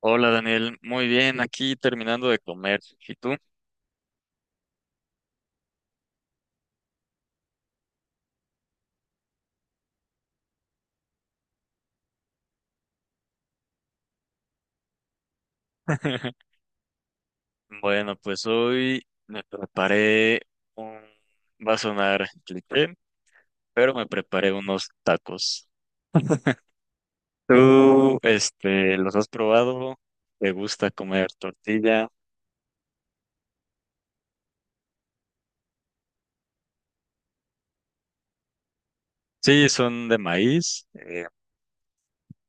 Hola Daniel, muy bien, aquí terminando de comer. ¿Y tú? Bueno, pues hoy me preparé un... Va a sonar cliché, pero me preparé unos tacos. ¿Tú, los has probado? ¿Te gusta comer tortilla? Sí, son de maíz.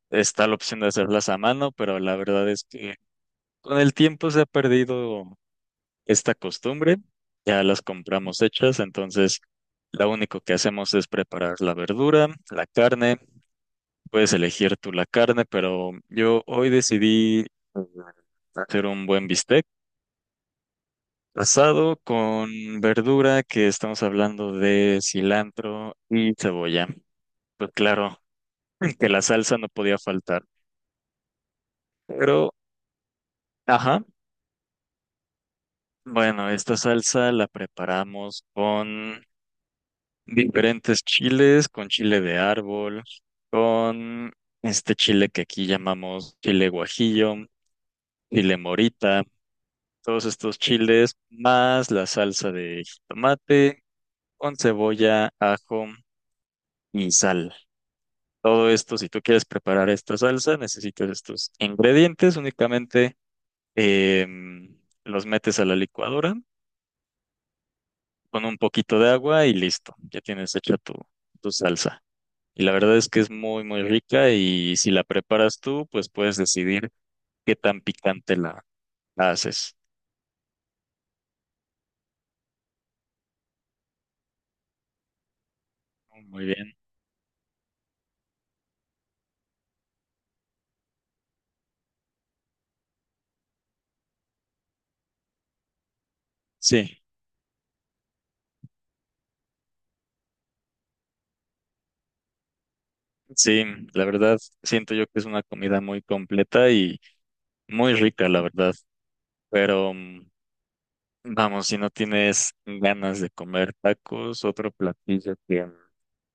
Está la opción de hacerlas a mano, pero la verdad es que con el tiempo se ha perdido esta costumbre, ya las compramos hechas, entonces lo único que hacemos es preparar la verdura, la carne, puedes elegir tú la carne, pero yo hoy decidí hacer un buen bistec asado con verdura que estamos hablando de cilantro y cebolla. Pues claro, que la salsa no podía faltar, pero, ajá, bueno, esta salsa la preparamos con diferentes chiles, con chile de árbol, con este chile que aquí llamamos chile guajillo, chile morita, todos estos chiles, más la salsa de jitomate, con cebolla, ajo y sal. Todo esto, si tú quieres preparar esta salsa, necesitas estos ingredientes, únicamente em, los metes a la licuadora con un poquito de agua y listo, ya tienes hecha tu salsa. Y la verdad es que es muy, muy rica y si la preparas tú, pues puedes decidir qué tan picante la haces. Muy bien. Sí, sí, la verdad siento yo que es una comida muy completa y muy rica, la verdad. Pero vamos, si no tienes ganas de comer tacos, otro platillo que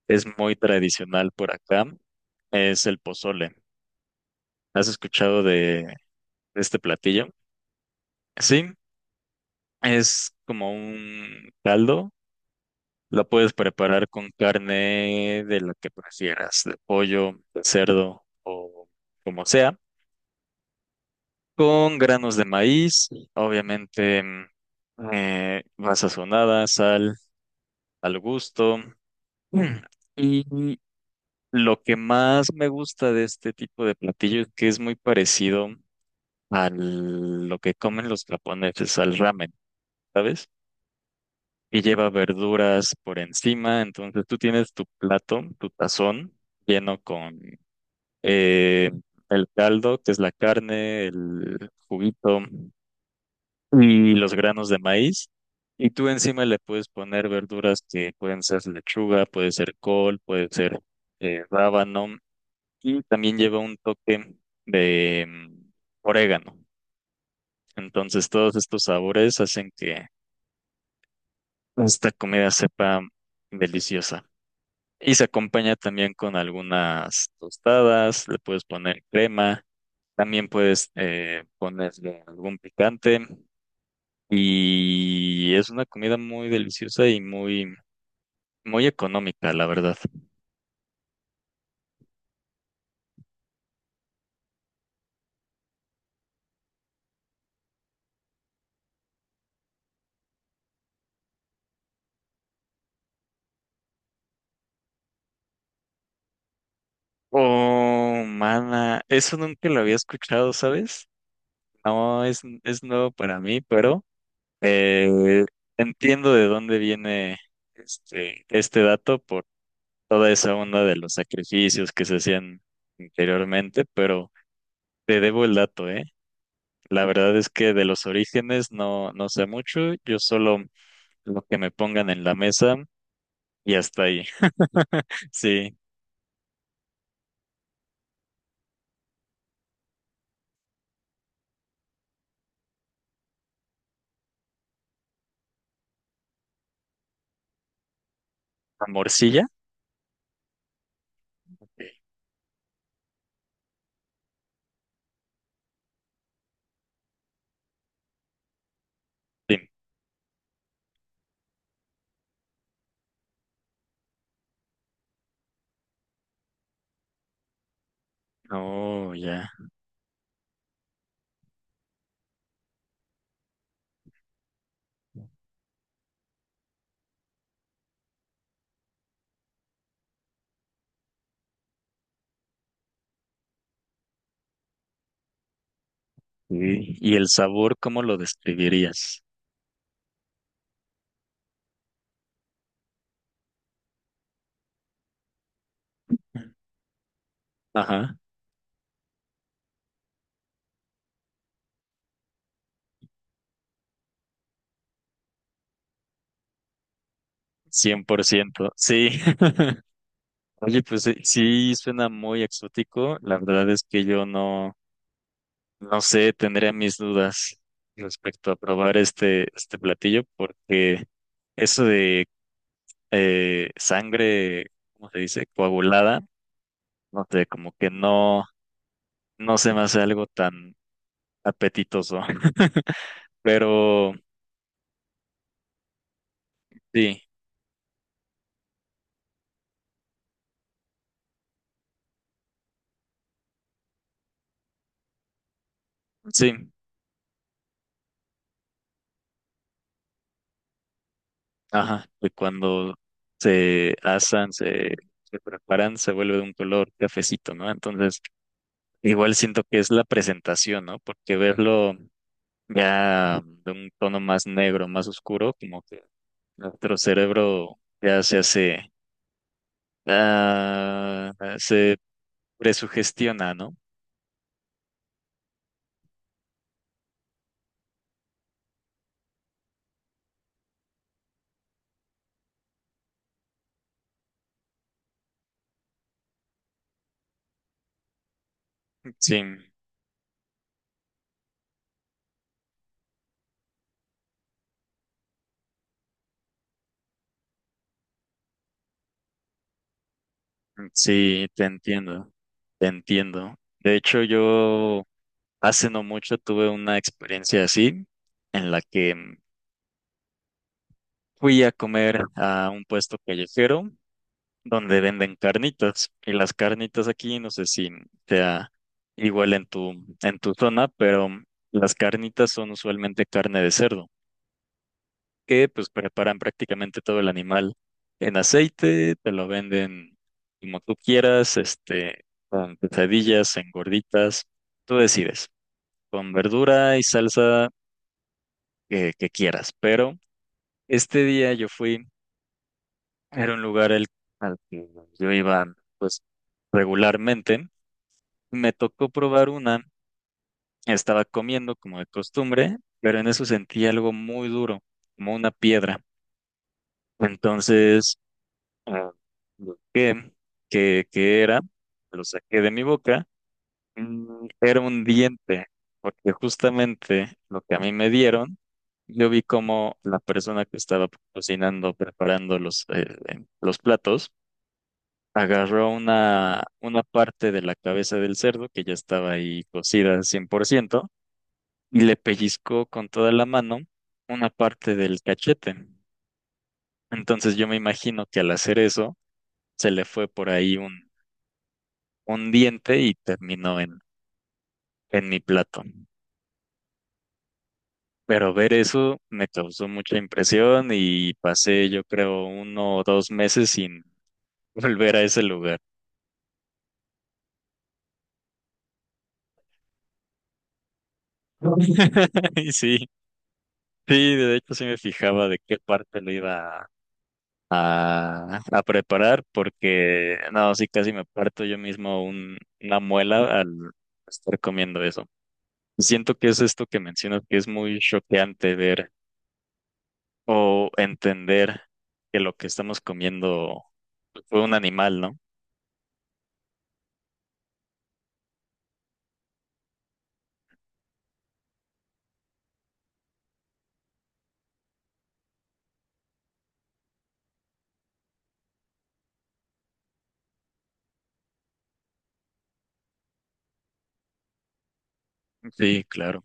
es muy tradicional por acá es el pozole. ¿Has escuchado de este platillo? Sí, es como un caldo. La puedes preparar con carne de la que prefieras, de pollo, de cerdo o como sea, con granos de maíz, obviamente va sazonada, sal al gusto. Mm, Y lo que más me gusta de este tipo de platillo es que es muy parecido a lo que comen los japoneses, al ramen, ¿sabes? Y lleva verduras por encima, entonces tú tienes tu plato, tu tazón lleno con eh, el caldo, que es la carne, el juguito y los granos de maíz. Y tú encima le puedes poner verduras que pueden ser lechuga, puede ser col, puede ser rábano y también lleva un toque de orégano. Entonces todos estos sabores hacen que esta comida sepa deliciosa. Y se acompaña también con algunas tostadas, le puedes poner crema. También puedes ponerle algún picante y es una comida muy deliciosa y muy, muy económica, la verdad. Oh, mana, eso nunca lo había escuchado, ¿sabes? No, es nuevo para mí, pero... Eh, entiendo de dónde viene este dato por toda esa onda de los sacrificios que se hacían anteriormente, pero te debo el dato, ¿eh? La verdad es que de los orígenes no, no sé mucho, yo solo lo que me pongan en la mesa y hasta ahí. Sí, la morcilla. Sí. Oh, ya. Sí. ¿Y el sabor, cómo lo describirías? Ajá. 100%. Sí. Oye, pues sí, sí suena muy exótico. La verdad es que yo no, no sé, tendría mis dudas respecto a probar este platillo, porque eso de sangre, ¿cómo se dice? Coagulada, no sé, como que no, no se me hace algo tan apetitoso. Pero sí, sí, ajá, y cuando se asan, se preparan, se vuelve de un color cafecito, ¿no? Entonces igual siento que es la presentación, ¿no? Porque verlo ya de un tono más negro, más oscuro, como que nuestro cerebro ya se hace, ah, se presugestiona, ¿no? Sí, sí, te entiendo, te entiendo. De hecho, yo hace no mucho tuve una experiencia así, en la que fui a comer a un puesto callejero donde venden carnitas. Y las carnitas aquí, no sé si sea igual en tu zona, pero las carnitas son usualmente carne de cerdo, que pues preparan prácticamente todo el animal en aceite, te lo venden como tú quieras, con pesadillas, en gorditas, tú decides, con verdura y salsa que quieras. Pero este día yo fui, era un lugar al que yo iba pues regularmente. Me tocó probar una, estaba comiendo como de costumbre, pero en eso sentí algo muy duro, como una piedra. Entonces, ah, busqué qué era, lo saqué de mi boca, era un diente, porque justamente lo que a mí me dieron, yo vi como la persona que estaba cocinando, preparando los platos, agarró una parte de la cabeza del cerdo que ya estaba ahí cocida al 100% y le pellizcó con toda la mano una parte del cachete. Entonces yo me imagino que al hacer eso se le fue por ahí un diente y terminó en mi plato. Pero ver eso me causó mucha impresión y pasé yo creo 1 o 2 meses sin volver a ese lugar. Y sí, sí, de hecho sí me fijaba de qué parte lo iba a preparar porque no, sí casi me parto yo mismo una muela al estar comiendo eso. Siento que es esto que mencionas que es muy choqueante ver o entender que lo que estamos comiendo fue un animal, ¿no? Sí, claro.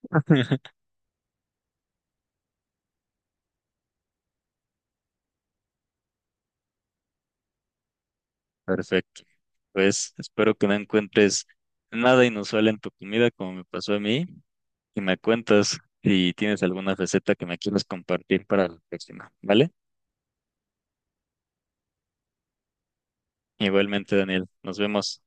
Perfecto. Pues espero que no encuentres nada inusual en tu comida como me pasó a mí y me cuentas si tienes alguna receta que me quieras compartir para la próxima, ¿vale? Igualmente, Daniel, nos vemos.